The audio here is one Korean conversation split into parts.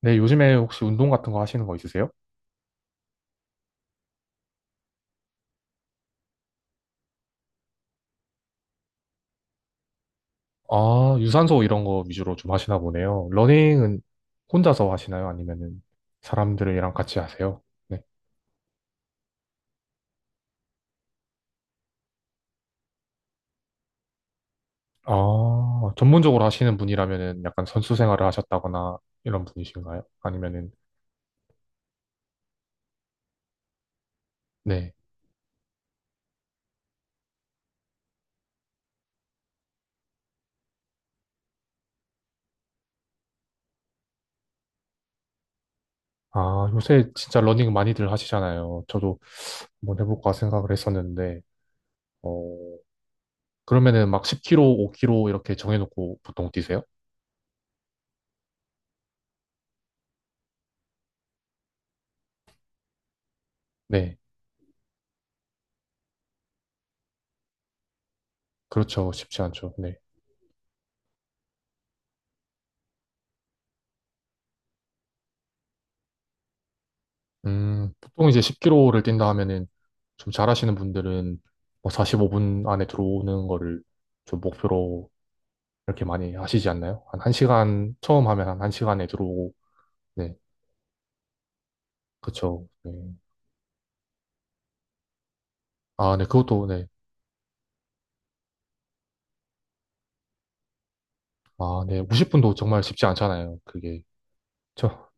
네, 요즘에 혹시 운동 같은 거 하시는 거 있으세요? 아, 유산소 이런 거 위주로 좀 하시나 보네요. 러닝은 혼자서 하시나요? 아니면은 사람들이랑 같이 하세요? 네. 아, 전문적으로 하시는 분이라면은 약간 선수 생활을 하셨다거나 이런 분이신가요? 아니면은, 네. 아, 요새 진짜 러닝 많이들 하시잖아요. 저도 한번 해볼까 생각을 했었는데, 어, 그러면은 막 10km, 5km 이렇게 정해놓고 보통 뛰세요? 네. 그렇죠. 쉽지 않죠. 네. 보통 이제 10km를 뛴다 하면은 좀 잘하시는 분들은 뭐 45분 안에 들어오는 거를 좀 목표로 이렇게 많이 하시지 않나요? 한 1시간, 처음 하면 한 1시간에 들어오고, 네, 그쵸. 네. 아, 네, 그것도, 네. 아, 네, 50분도 정말 쉽지 않잖아요. 그게. 저,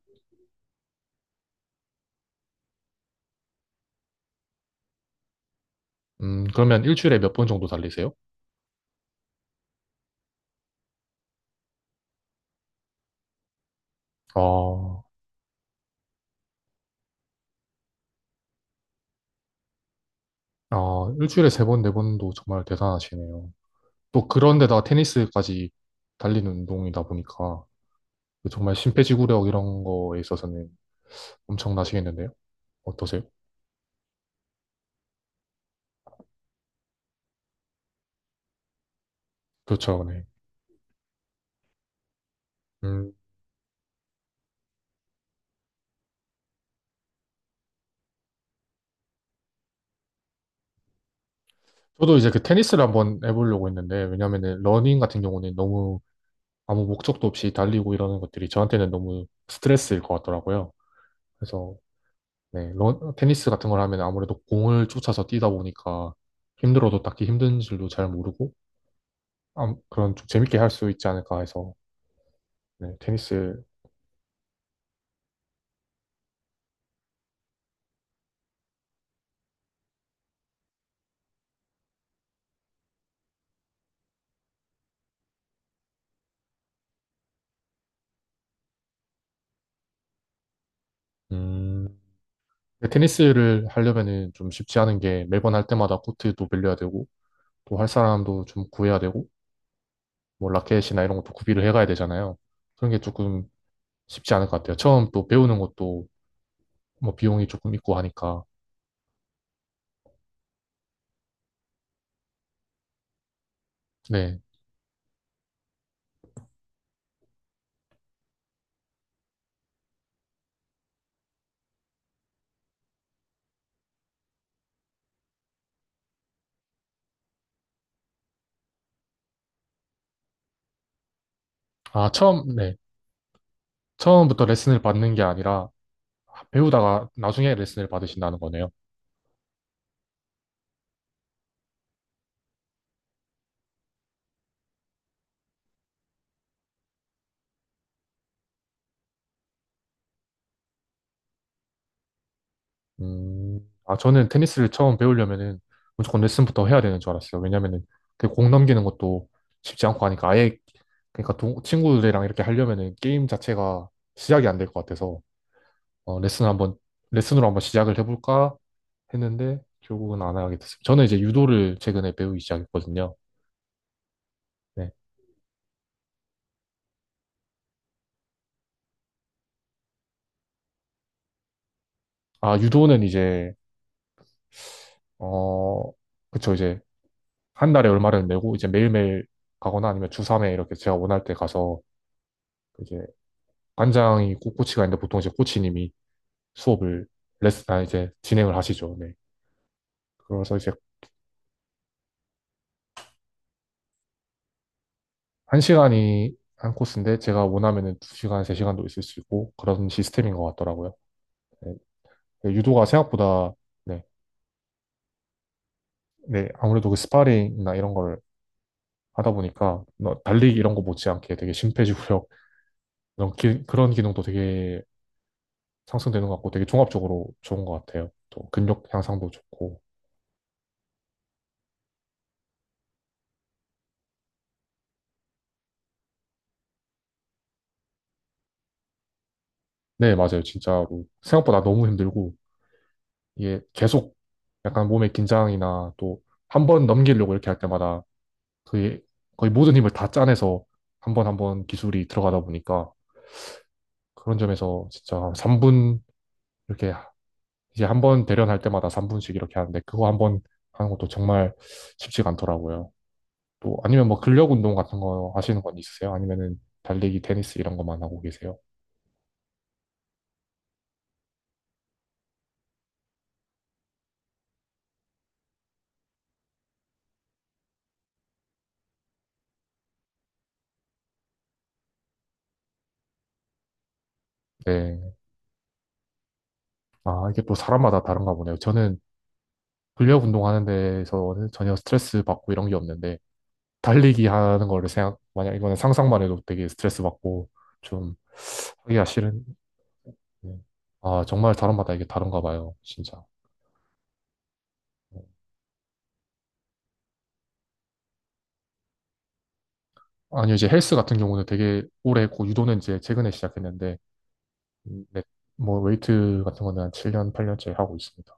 그러면 일주일에 몇 번 정도 달리세요? 아, 아, 일주일에 세 번, 네 번도 정말 대단하시네요. 또 그런데다 테니스까지 달리는 운동이다 보니까, 그 정말 심폐지구력 이런 거에 있어서는 엄청나시겠는데요? 어떠세요? 그렇죠, 네. 음, 저도 이제 그 테니스를 한번 해보려고 했는데, 왜냐면은 러닝 같은 경우는 너무 아무 목적도 없이 달리고 이러는 것들이 저한테는 너무 스트레스일 것 같더라고요. 그래서, 네, 테니스 같은 걸 하면 아무래도 공을 쫓아서 뛰다 보니까 힘들어도 딱히 힘든 줄도 잘 모르고, 그런 좀 재밌게 할 수 있지 않을까 해서, 네, 테니스, 음, 근데 테니스를 하려면은 좀 쉽지 않은 게 매번 할 때마다 코트도 빌려야 되고, 또 할 사람도 좀 구해야 되고, 뭐 라켓이나 이런 것도 구비를 해가야 되잖아요. 그런 게 조금 쉽지 않을 것 같아요. 처음 또 배우는 것도 뭐 비용이 조금 있고 하니까. 네. 아, 처음, 네. 처음부터 레슨을 받는 게 아니라 배우다가 나중에 레슨을 받으신다는 거네요. 음. 아, 저는 테니스를 처음 배우려면은 무조건 레슨부터 해야 되는 줄 알았어요. 왜냐면은 그 공 넘기는 것도 쉽지 않고 하니까 아예 그러니까 친구들이랑 이렇게 하려면은 게임 자체가 시작이 안 될 것 같아서 어, 레슨 한번, 레슨으로 한번 시작을 해볼까 했는데, 결국은 안 하게 됐어요. 저는 이제 유도를 최근에 배우기 시작했거든요. 네. 아, 유도는 이제, 어, 그쵸, 이제, 한 달에 얼마를 내고, 이제 매일매일 가거나 아니면 주삼에 이렇게 제가 원할 때 가서, 이제, 관장이 꼭 코치가 있는데, 보통 이제 코치님이 수업을, 레슨, 아, 이제, 진행을 하시죠. 네. 그래서 이제, 한 시간이 한 코스인데, 제가 원하면은 두 시간, 세 시간도 있을 수 있고, 그런 시스템인 것 같더라고요. 네. 네, 유도가 생각보다, 네. 네, 아무래도 그 스파링이나 이런 걸 하다 보니까 뭐 달리기 이런 거 못지않게 되게 심폐지구력 이런 그런 기능도 되게 상승되는 것 같고 되게 종합적으로 좋은 것 같아요. 또 근력 향상도 좋고. 네, 맞아요. 진짜로 생각보다 너무 힘들고 이게 계속 약간 몸의 긴장이나 또 한 번 넘기려고 이렇게 할 때마다 그 거의 모든 힘을 다 짜내서 한 번 한 번 기술이 들어가다 보니까 그런 점에서 진짜 3분 이렇게 이제 한 번 대련할 때마다 3분씩 이렇게 하는데 그거 한 번 하는 것도 정말 쉽지가 않더라고요. 또 아니면 뭐 근력 운동 같은 거 하시는 건 있으세요? 아니면은 달리기, 테니스 이런 것만 하고 계세요? 네. 아, 이게 또 사람마다 다른가 보네요. 저는 근력 운동하는 데에서는 전혀 스트레스 받고 이런 게 없는데 달리기 하는 거를 생각, 만약 이거는 상상만 해도 되게 스트레스 받고 좀 하기가 싫은 네. 아, 정말 사람마다 이게 다른가 봐요, 진짜. 네. 아니요, 이제 헬스 같은 경우는 되게 오래 했고, 유도는 이제 최근에 시작했는데, 네, 뭐 웨이트 같은 거는 한 7년, 8년째 하고 있습니다.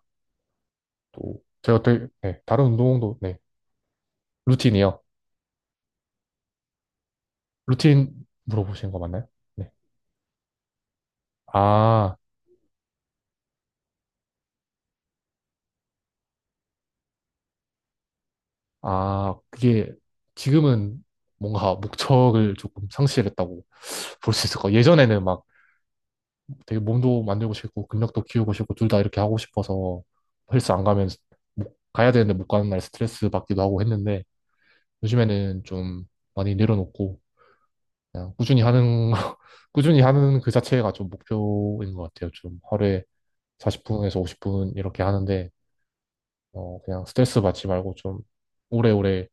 또 제가 되게 네, 다른 운동도 네, 루틴이요. 루틴 물어보신 거 맞나요? 네. 아, 그게 지금은 뭔가 목적을 조금 상실했다고 볼 수 있을 것 같아요. 예전에는 막 되게 몸도 만들고 싶고 근력도 키우고 싶고 둘 다 이렇게 하고 싶어서 헬스 안 가면 가야 되는데 못 가는 날 스트레스 받기도 하고 했는데 요즘에는 좀 많이 내려놓고 그냥 꾸준히 하는 꾸준히 하는 그 자체가 좀 목표인 것 같아요. 좀 하루에 40분에서 50분 이렇게 하는데, 그냥 스트레스 받지 말고 좀 오래오래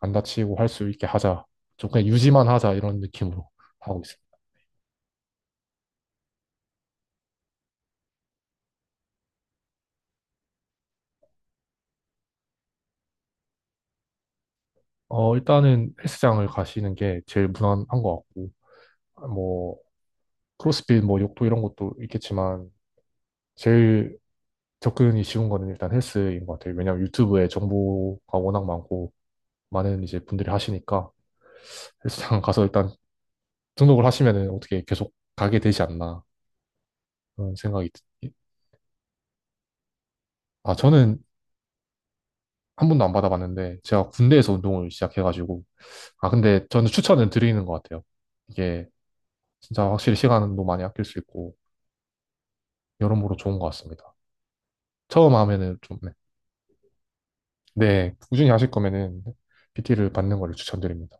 안 다치고 할 수 있게 하자. 좀 그냥 유지만 하자 이런 느낌으로 하고 있어요. 일단은 헬스장을 가시는 게 제일 무난한 것 같고, 뭐, 크로스핏, 뭐, 욕도 이런 것도 있겠지만, 제일 접근이 쉬운 거는 일단 헬스인 것 같아요. 왜냐면 유튜브에 정보가 워낙 많고, 많은 이제 분들이 하시니까, 헬스장 가서 일단 등록을 하시면은 어떻게 계속 가게 되지 않나 그런 생각이. 아, 저는 한 번도 안 받아봤는데 제가 군대에서 운동을 시작해가지고. 아, 근데 저는 추천은 드리는 것 같아요. 이게 진짜 확실히 시간도 많이 아낄 수 있고 여러모로 좋은 것 같습니다. 처음 하면은 좀 네, 네, 꾸준히 하실 거면은 PT를 받는 거를 추천드립니다.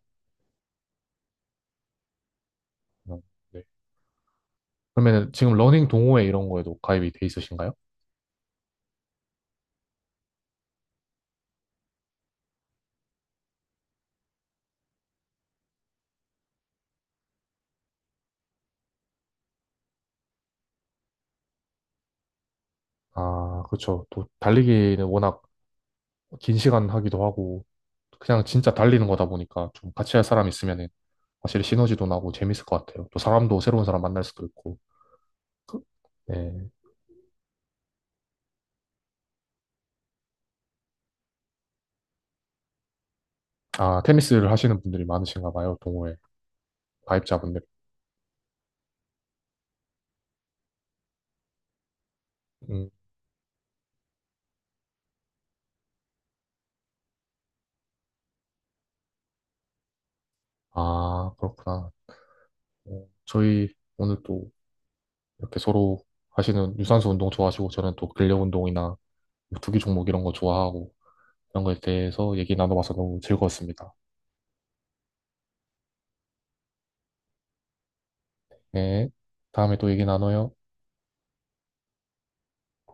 음, 네. 그러면은 지금 러닝 동호회 이런 거에도 가입이 돼 있으신가요? 아, 그렇죠. 또 달리기는 워낙 긴 시간 하기도 하고 그냥 진짜 달리는 거다 보니까 좀 같이 할 사람 있으면은 확실히 시너지도 나고 재밌을 것 같아요. 또 사람도 새로운 사람 만날 수도 있고. 그- 네. 아, 테니스를 하시는 분들이 많으신가 봐요, 동호회 가입자분들. 음. 아, 그렇구나. 저희 오늘 또 이렇게 서로 하시는 유산소 운동 좋아하시고 저는 또 근력 운동이나 투기 종목 이런 거 좋아하고 이런 거에 대해서 얘기 나눠봐서 너무 즐거웠습니다. 네. 다음에 또 얘기 나눠요.